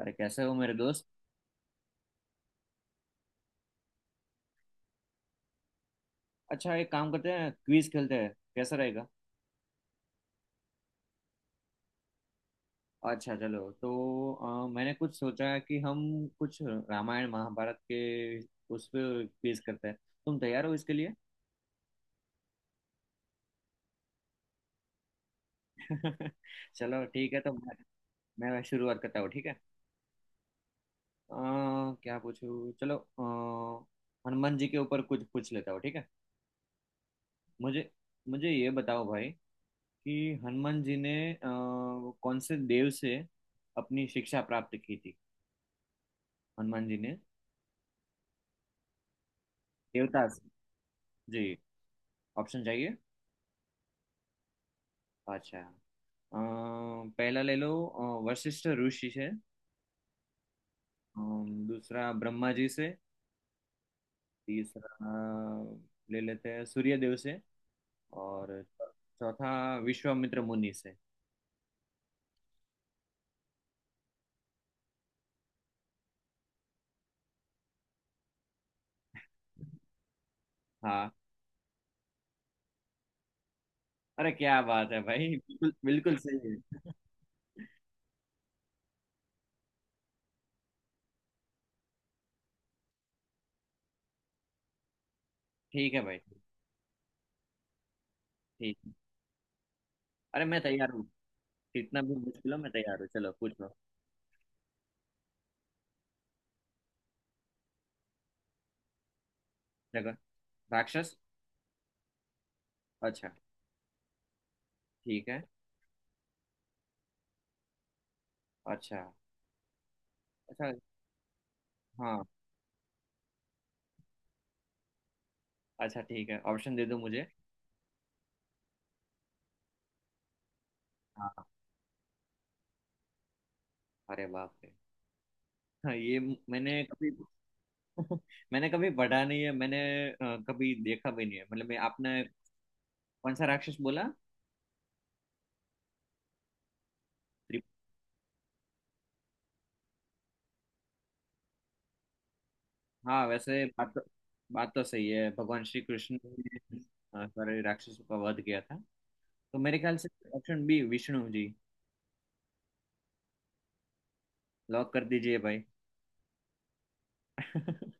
अरे कैसे हो मेरे दोस्त। अच्छा, एक काम करते हैं, क्विज खेलते हैं, कैसा रहेगा? अच्छा चलो तो मैंने कुछ सोचा है कि हम कुछ रामायण महाभारत के उस पे क्विज करते हैं। तुम तैयार हो इसके लिए? चलो ठीक है तो मैं शुरुआत करता हूँ, ठीक है? अ, क्या पूछूं, चलो हनुमान जी के ऊपर कुछ पूछ लेता हूँ, ठीक है। मुझे मुझे ये बताओ भाई कि हनुमान जी ने कौन से देव से अपनी शिक्षा प्राप्त की थी। हनुमान जी ने, देवदास जी। ऑप्शन चाहिए? अच्छा, पहला ले लो वशिष्ठ ऋषि से। दूसरा, ब्रह्मा जी से। तीसरा ले लेते हैं सूर्यदेव से। और चौथा, विश्वामित्र मुनि से। हाँ, अरे क्या बात है भाई, बिल्कुल बिल्कुल सही है। ठीक है भाई। ठीक है, अरे मैं तैयार हूँ। जितना भी मुश्किल हो, मैं तैयार हूँ, चलो पूछो। देखो, राक्षस। अच्छा, ठीक है। अच्छा अच्छा। हाँ, अच्छा ठीक है, ऑप्शन दे दो मुझे। हाँ, अरे बाप रे। हाँ, ये मैंने कभी मैंने कभी पढ़ा नहीं है, मैंने कभी देखा भी नहीं है, मतलब मैं आपने। कौन सा राक्षस बोला? त्रिप-। हाँ वैसे बात तो सही है, भगवान श्री कृष्ण ने सारे राक्षसों का वध किया था। तो मेरे ख्याल से option B, Vishnu ji. Lock कर दीजिए भाई।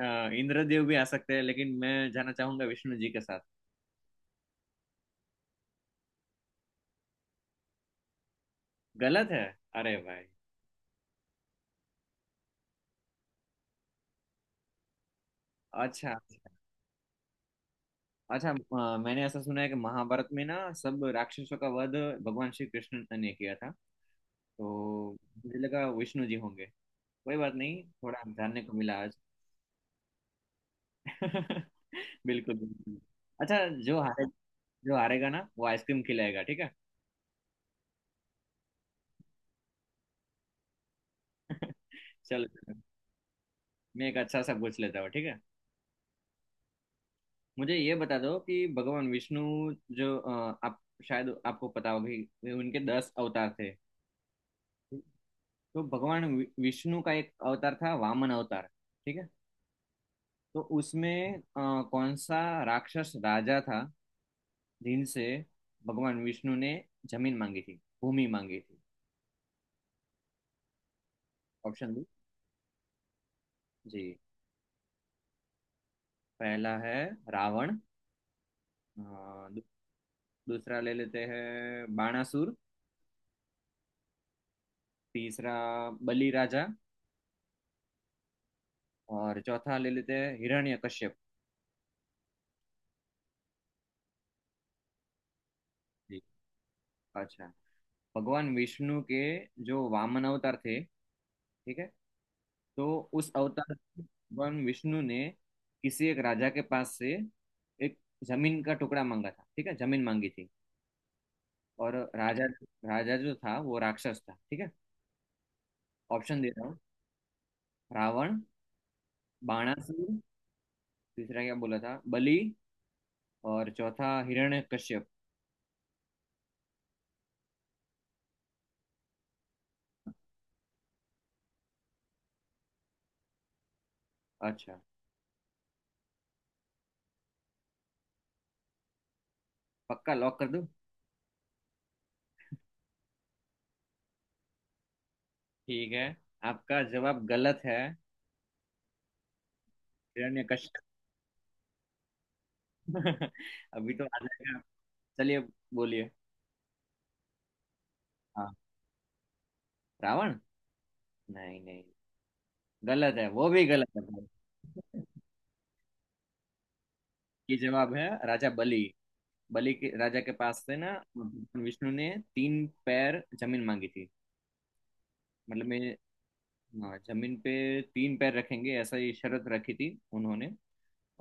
अ, इंद्रदेव भी आ सकते हैं, लेकिन मैं जाना चाहूंगा विष्णु जी के साथ। गलत है? अरे भाई। अच्छा अच्छा। अच्छा, मैंने ऐसा सुना है कि महाभारत में ना, सब राक्षसों का वध भगवान श्री कृष्ण ने किया था, तो मुझे लगा विष्णु जी होंगे। कोई बात नहीं, थोड़ा जानने को मिला आज। बिल्कुल बिल्कुल। अच्छा, जो हारे जो हारेगा ना, वो आइसक्रीम खिलाएगा, ठीक है? चलो चलो, मैं एक अच्छा सा पूछ लेता हूँ, ठीक है। मुझे ये बता दो कि भगवान विष्णु, जो आप शायद आपको पता होगी, उनके दस अवतार थे। तो भगवान विष्णु का एक अवतार था, वामन अवतार, ठीक है? तो उसमें कौन सा राक्षस राजा था जिनसे भगवान विष्णु ने जमीन मांगी थी, भूमि मांगी थी? ऑप्शन दो जी। पहला है रावण। अ, दू, दूसरा ले लेते हैं बाणासुर। तीसरा, बलि राजा। और चौथा ले लेते हैं हिरण्यकश्यप जी। अच्छा, भगवान विष्णु के जो वामन अवतार थे, ठीक है? तो उस अवतार में भगवान विष्णु ने किसी एक राजा के पास से एक जमीन का टुकड़ा मांगा था, ठीक है, जमीन मांगी थी। और राजा राजा जो था वो राक्षस था, ठीक है? ऑप्शन दे रहा हूँ। रावण, बाणासुर, तीसरा क्या बोला था, बलि, और चौथा हिरण्यकश्यप। अच्छा, पक्का लॉक कर दूं? ठीक है, आपका जवाब गलत है, हिरण्यकश्यप। अभी तो आ जाएगा। चलिए, बोलिए। हाँ, रावण? नहीं नहीं, गलत है, वो भी गलत है भाई। ये जवाब है राजा बलि। बलि के राजा के पास से ना भगवान विष्णु ने तीन पैर जमीन मांगी थी। मतलब मैं, हाँ, जमीन पे तीन पैर रखेंगे, ऐसा ये शर्त रखी थी उन्होंने।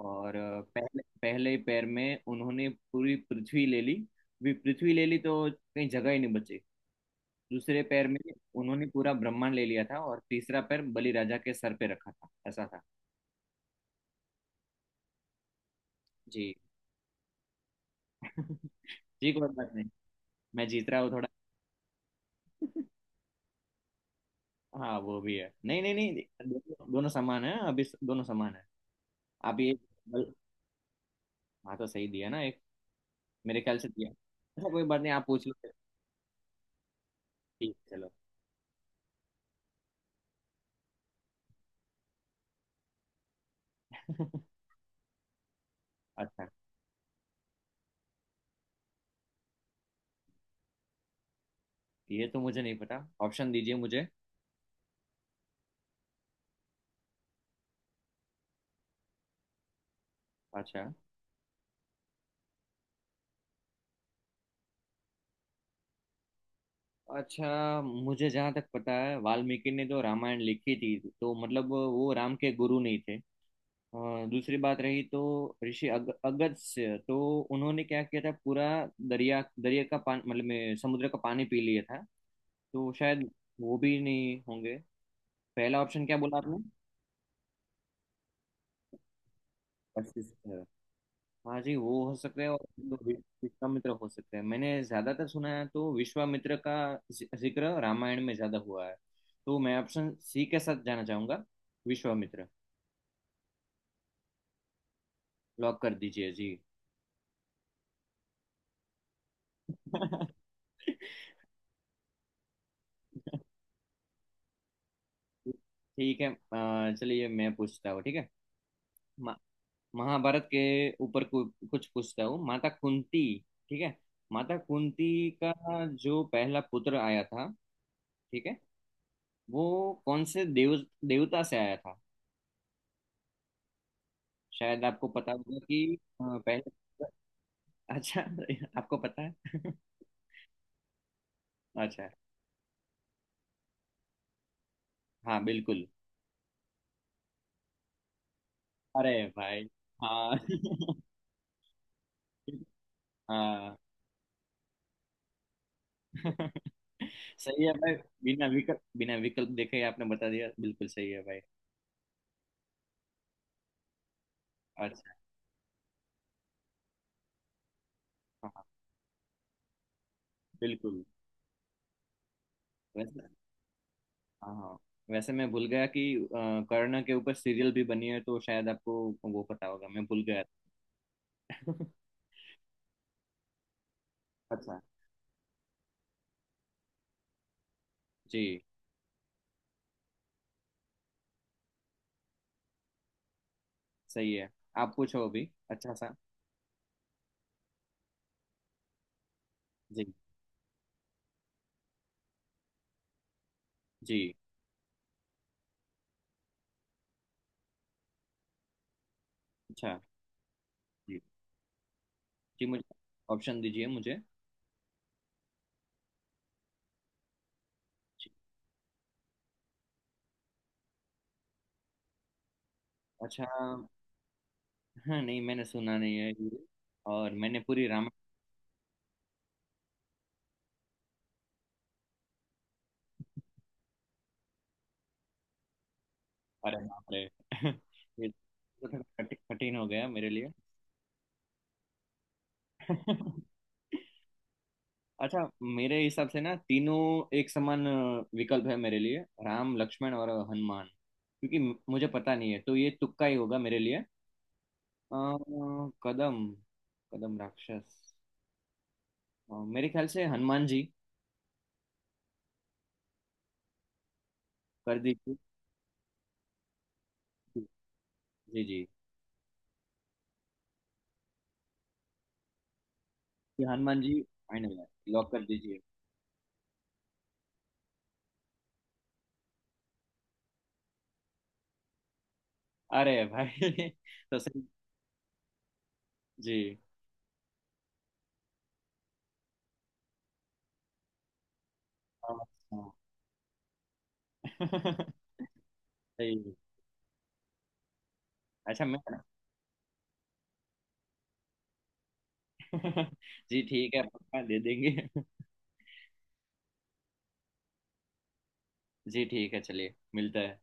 और पहले पहले ही पैर में उन्होंने पूरी पृथ्वी ले ली, भी पृथ्वी ले ली, तो कहीं जगह ही नहीं बची। दूसरे पैर में उन्होंने पूरा ब्रह्मांड ले लिया था, और तीसरा पैर बलि राजा के सर पे रखा था, ऐसा था जी। जी, कोई बात नहीं, मैं जीत रहा हूँ थोड़ा। हाँ वो भी है, नहीं नहीं नहीं, दोनों दोनों समान है अभी, दोनों समान है। आप ये, हाँ, तो सही दिया ना एक। मेरे ख्याल से दिया। अच्छा, कोई बात नहीं, आप पूछ लो। ठीक है, चलो। अच्छा, ये तो मुझे नहीं पता, ऑप्शन दीजिए मुझे। अच्छा अच्छा, मुझे जहाँ तक पता है, वाल्मीकि ने जो रामायण लिखी थी, तो मतलब वो राम के गुरु नहीं थे। और दूसरी बात रही, तो ऋषि अगस्त्य, तो उन्होंने क्या किया था, पूरा दरिया, दरिया का पानी, मतलब में समुद्र का पानी पी लिया था, तो शायद वो भी नहीं होंगे। पहला ऑप्शन क्या बोला आपने, वशिष्ठ? हाँ जी, वो हो सकते हैं, और तो विश्वामित्र हो सकते हैं, मैंने ज्यादातर सुना है तो विश्वामित्र का जिक्र रामायण में ज्यादा हुआ है। तो मैं ऑप्शन सी के साथ जाना चाहूंगा, विश्वामित्र। लॉक कर दीजिए जी। ठीक है, चलिए मैं पूछता हूँ ठीक है। म- महाभारत के ऊपर कुछ पूछता हूँ, माता कुंती, ठीक है? माता कुंती का जो पहला पुत्र आया था, ठीक है, वो कौन से देवता से आया था? शायद आपको पता होगा कि पहले, अच्छा आपको पता है अच्छा, हाँ बिल्कुल, अरे भाई। हाँ हाँ सही है भाई, बिना विकल्प, बिना विकल्प देखे ही आपने बता दिया, बिल्कुल सही है भाई। अच्छा, हाँ हाँ, बिल्कुल। वैसे, हाँ हाँ, वैसे मैं भूल गया कि कर्ण के ऊपर सीरियल भी बनी है, तो शायद आपको वो पता होगा, मैं भूल गया था। अच्छा जी, सही है। आप पूछो अभी अच्छा सा। जी जी, अच्छा, जी जी, मुझे ऑप्शन दीजिए मुझे। जी। अच्छा, हाँ नहीं, मैंने सुना नहीं है ये, और मैंने पूरी रामायण, अरे बाप रे। ये तो थोड़ा कठिन कठिन हो गया मेरे लिए। अच्छा, मेरे हिसाब से ना, तीनों एक समान विकल्प है मेरे लिए, राम, लक्ष्मण और हनुमान, क्योंकि मुझे पता नहीं है, तो ये तुक्का ही होगा मेरे लिए। कदम, कदम राक्षस, मेरे ख्याल से हनुमान जी। कर दीजिए जी। जी, ये हनुमान जी फाइनल है, लॉक कर दीजिए। अरे भाई तो सही जी। हाँ, हाँ। सही है। अच्छा मैं, जी ठीक है, पक्का दे देंगे। जी ठीक है, चलिए, मिलता है।